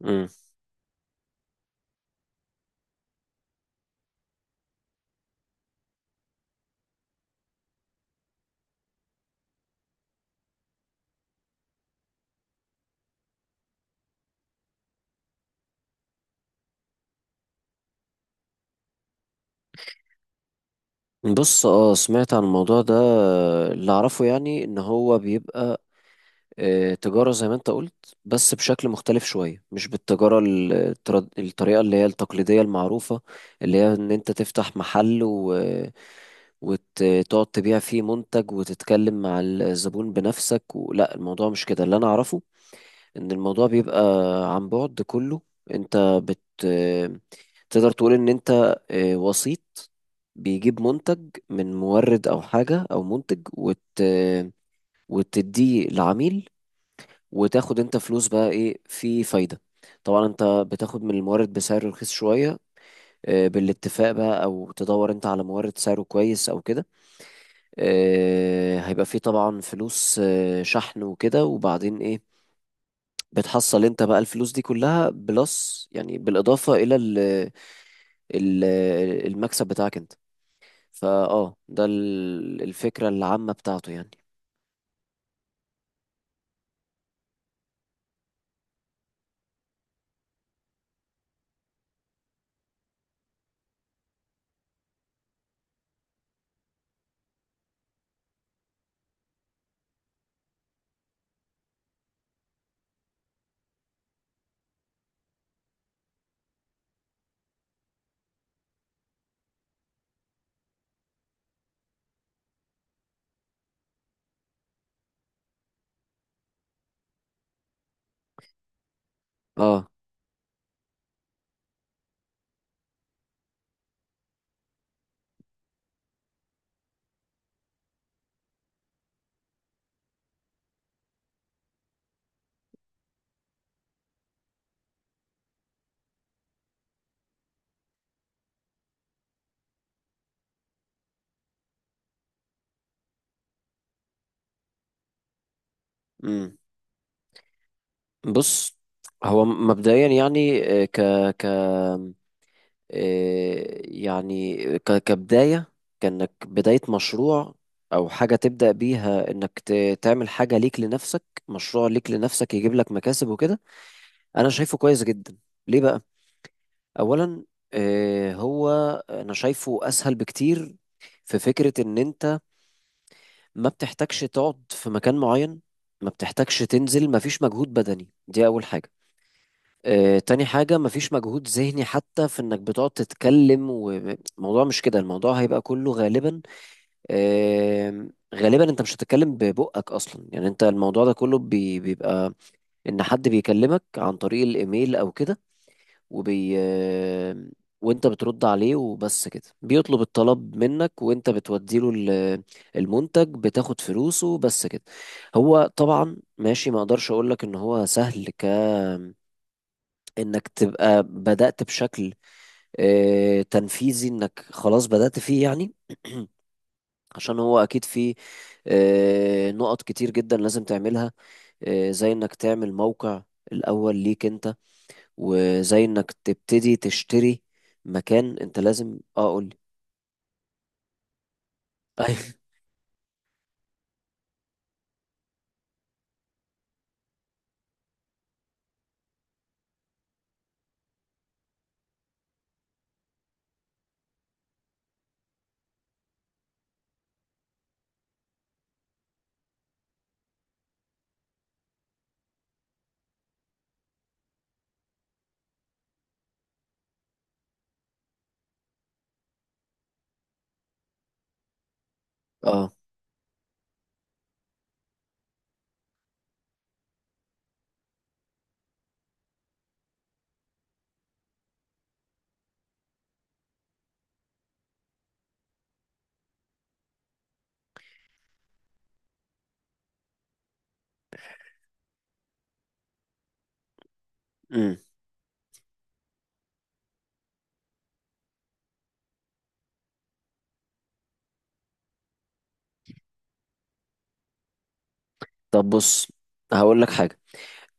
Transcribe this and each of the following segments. مم. بص سمعت عن الموضوع ده. اللي اعرفه يعني ان هو بيبقى تجارة زي ما انت قلت، بس بشكل مختلف شوية، مش بالتجارة الطريقة اللي هي التقليدية المعروفة، اللي هي ان انت تفتح محل وتقعد تبيع فيه منتج وتتكلم مع الزبون بنفسك لا الموضوع مش كده. اللي انا اعرفه ان الموضوع بيبقى عن بعد كله. انت بت تقدر تقول ان انت وسيط بيجيب منتج من مورد او حاجة او منتج وتديه لعميل، وتاخد انت فلوس. بقى ايه في فايدة؟ طبعا انت بتاخد من المورد بسعر رخيص شوية، بالاتفاق بقى، او تدور انت على مورد سعره كويس او كده. هيبقى فيه طبعا فلوس شحن وكده، وبعدين ايه، بتحصل انت بقى الفلوس دي كلها بلس، يعني بالإضافة إلى ال المكسب بتاعك انت. فاه ده الفكرة العامة بتاعته يعني. اه امم بص، هو مبدئيا يعني آه، ك ك آه، يعني ك كبداية، كأنك بداية مشروع أو حاجة تبدأ بيها، إنك تعمل حاجة ليك لنفسك، مشروع ليك لنفسك يجيب لك مكاسب وكده، أنا شايفه كويس جدا. ليه بقى؟ اولا آه، هو انا شايفه اسهل بكتير في فكرة ان انت ما بتحتاجش تقعد في مكان معين، ما بتحتاجش تنزل، ما فيش مجهود بدني، دي اول حاجة. تاني حاجة، ما فيش مجهود ذهني حتى، في انك بتقعد تتكلم والموضوع مش كده. الموضوع هيبقى كله غالبا، غالبا انت مش هتتكلم ببقك اصلا. يعني انت الموضوع ده كله بيبقى ان حد بيكلمك عن طريق الايميل او كده، وبي وانت بترد عليه وبس كده، بيطلب الطلب منك وانت بتوديله المنتج، بتاخد فلوسه، بس كده. هو طبعا ماشي، ما اقدرش اقول لك ان هو سهل انك تبقى بدأت بشكل تنفيذي، انك خلاص بدأت فيه يعني. عشان هو اكيد فيه نقط كتير جدا لازم تعملها، زي انك تعمل موقع الاول ليك انت، وزي انك تبتدي تشتري مكان. انت لازم قول لي. ايوه. اه امم طب بص، هقول لك حاجه.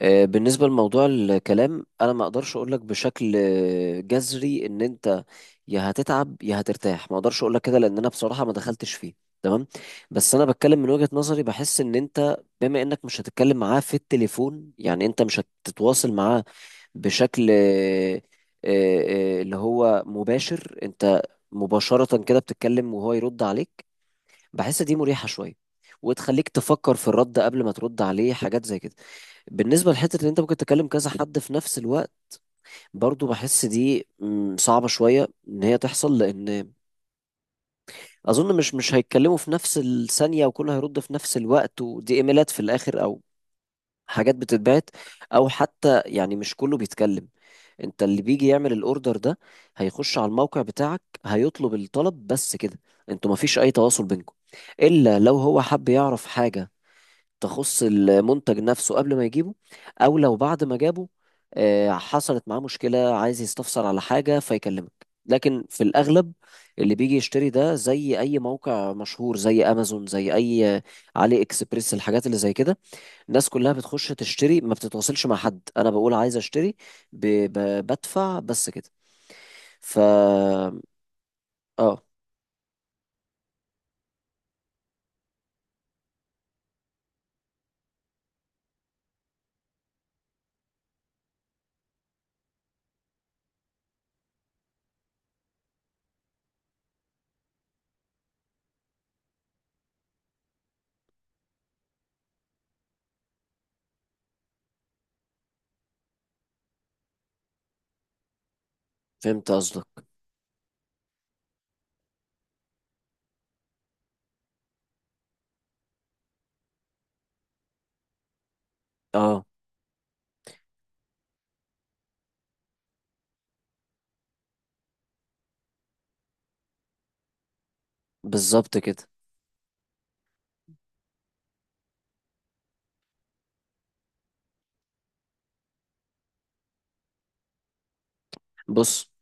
بالنسبه لموضوع الكلام، انا ما اقدرش اقول لك بشكل جذري ان انت يا هتتعب يا هترتاح، ما اقدرش اقول لك كده، لان انا بصراحه ما دخلتش فيه، تمام؟ بس انا بتكلم من وجهه نظري، بحس ان انت بما انك مش هتتكلم معاه في التليفون، يعني انت مش هتتواصل معاه بشكل اللي هو مباشر، انت مباشره كده بتتكلم وهو يرد عليك، بحس دي مريحه شويه، وتخليك تفكر في الرد قبل ما ترد عليه، حاجات زي كده. بالنسبة لحتة إن أنت ممكن تكلم كذا حد في نفس الوقت، برضو بحس دي صعبة شوية إن هي تحصل، لأن اظن مش هيتكلموا في نفس الثانيه وكله هيرد في نفس الوقت. ودي ايميلات في الاخر، او حاجات بتتبعت، او حتى يعني مش كله بيتكلم. انت اللي بيجي يعمل الاوردر ده، هيخش على الموقع بتاعك، هيطلب الطلب، بس كده. انتوا مفيش اي تواصل بينكم، الا لو هو حب يعرف حاجه تخص المنتج نفسه قبل ما يجيبه، او لو بعد ما جابه حصلت معاه مشكلة عايز يستفسر على حاجة فيكلمك. لكن في الأغلب اللي بيجي يشتري ده، زي أي موقع مشهور زي أمازون، زي أي علي إكسبريس، الحاجات اللي زي كده، الناس كلها بتخش تشتري، ما بتتواصلش مع حد. أنا بقول عايز أشتري، ب... بدفع، بس كده. ف آه فهمت قصدك. آه، بالظبط كده. بص،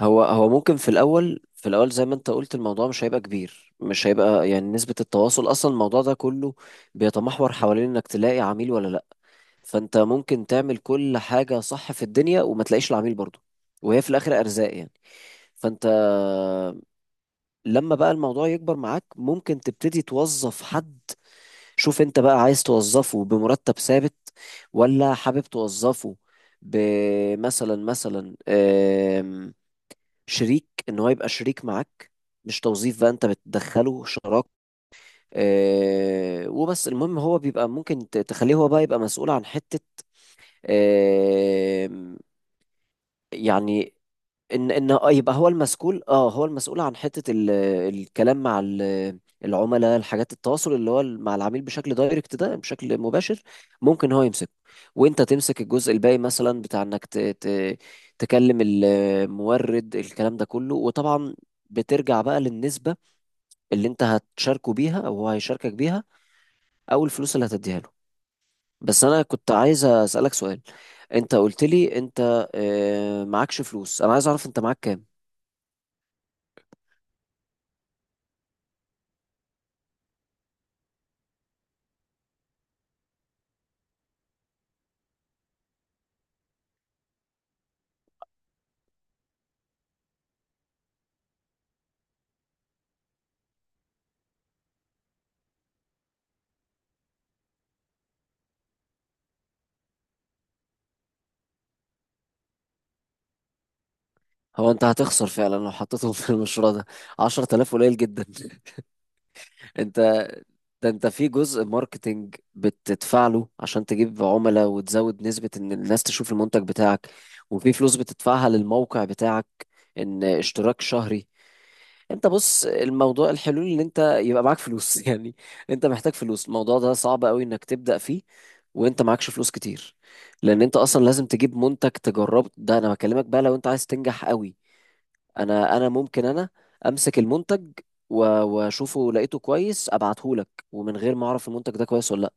هو ممكن في الاول زي ما انت قلت الموضوع مش هيبقى كبير، مش هيبقى يعني نسبة التواصل. اصلا الموضوع ده كله بيتمحور حوالين انك تلاقي عميل ولا لا. فانت ممكن تعمل كل حاجة صح في الدنيا وما تلاقيش العميل برضه، وهي في الاخر ارزاق يعني. فانت لما بقى الموضوع يكبر معاك، ممكن تبتدي توظف حد. شوف انت بقى عايز توظفه بمرتب ثابت، ولا حابب توظفه بمثلا شريك، ان هو يبقى شريك معاك، مش توظيف بقى، انت بتدخله شراك. وبس المهم هو بيبقى ممكن تخليه هو بقى يبقى مسؤول عن حتة، آه يعني ان آه يبقى هو المسؤول اه هو المسؤول عن حتة الكلام مع العملاء، الحاجات، التواصل اللي هو مع العميل بشكل دايركت ده، بشكل مباشر، ممكن هو يمسكه وانت تمسك الجزء الباقي، مثلا بتاع انك تكلم المورد، الكلام ده كله. وطبعا بترجع بقى للنسبة اللي انت هتشاركه بيها او هو هيشاركك بيها، او الفلوس اللي هتديها له. بس انا كنت عايز اسألك سؤال، انت قلت لي انت معكش فلوس، انا عايز اعرف انت معاك كام. هو انت هتخسر فعلا لو حطيتهم في المشروع ده، 10,000 قليل جدا. انت ده انت في جزء ماركتينج بتدفع له عشان تجيب عملاء وتزود نسبة ان الناس تشوف المنتج بتاعك، وفي فلوس بتدفعها للموقع بتاعك، ان اشتراك شهري. انت بص، الموضوع الحلول ان انت يبقى معاك فلوس يعني. انت محتاج فلوس، الموضوع ده صعب قوي انك تبدأ فيه وانت معكش فلوس كتير، لان انت اصلا لازم تجيب منتج تجربه. ده انا بكلمك بقى لو انت عايز تنجح قوي. انا ممكن انا امسك المنتج واشوفه لقيته كويس ابعته لك ومن غير ما اعرف المنتج ده كويس ولا لا.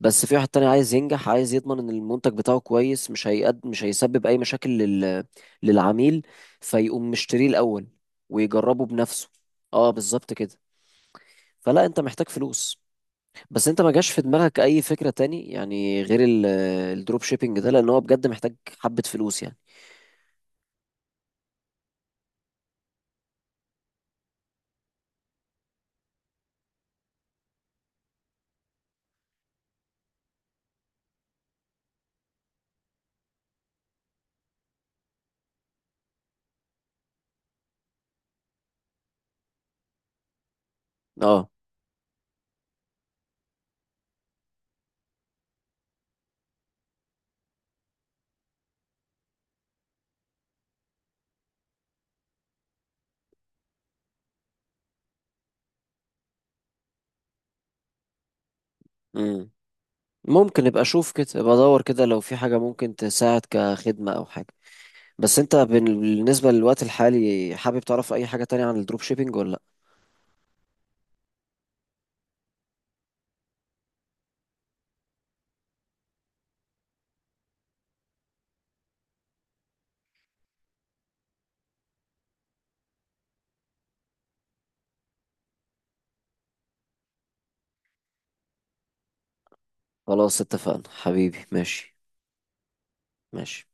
بس في واحد تاني عايز ينجح، عايز يضمن ان المنتج بتاعه كويس، مش هيسبب اي مشاكل للعميل، فيقوم مشتريه الاول ويجربه بنفسه. اه، بالظبط كده. فلا، انت محتاج فلوس. بس انت ما جاش في دماغك اي فكرة تاني يعني غير الدروب شيبينج ده؟ لان هو بجد محتاج حبة فلوس يعني. اه. امم. ممكن ابقى اشوف كده، ابقى ادور كده لو في حاجة ممكن تساعد كخدمة او حاجة. بس انت بالنسبة للوقت الحالي، حابب تعرف اي حاجة تانية عن الدروب شيبينج ولا لا؟ خلاص، اتفقنا حبيبي، ماشي. ماشي.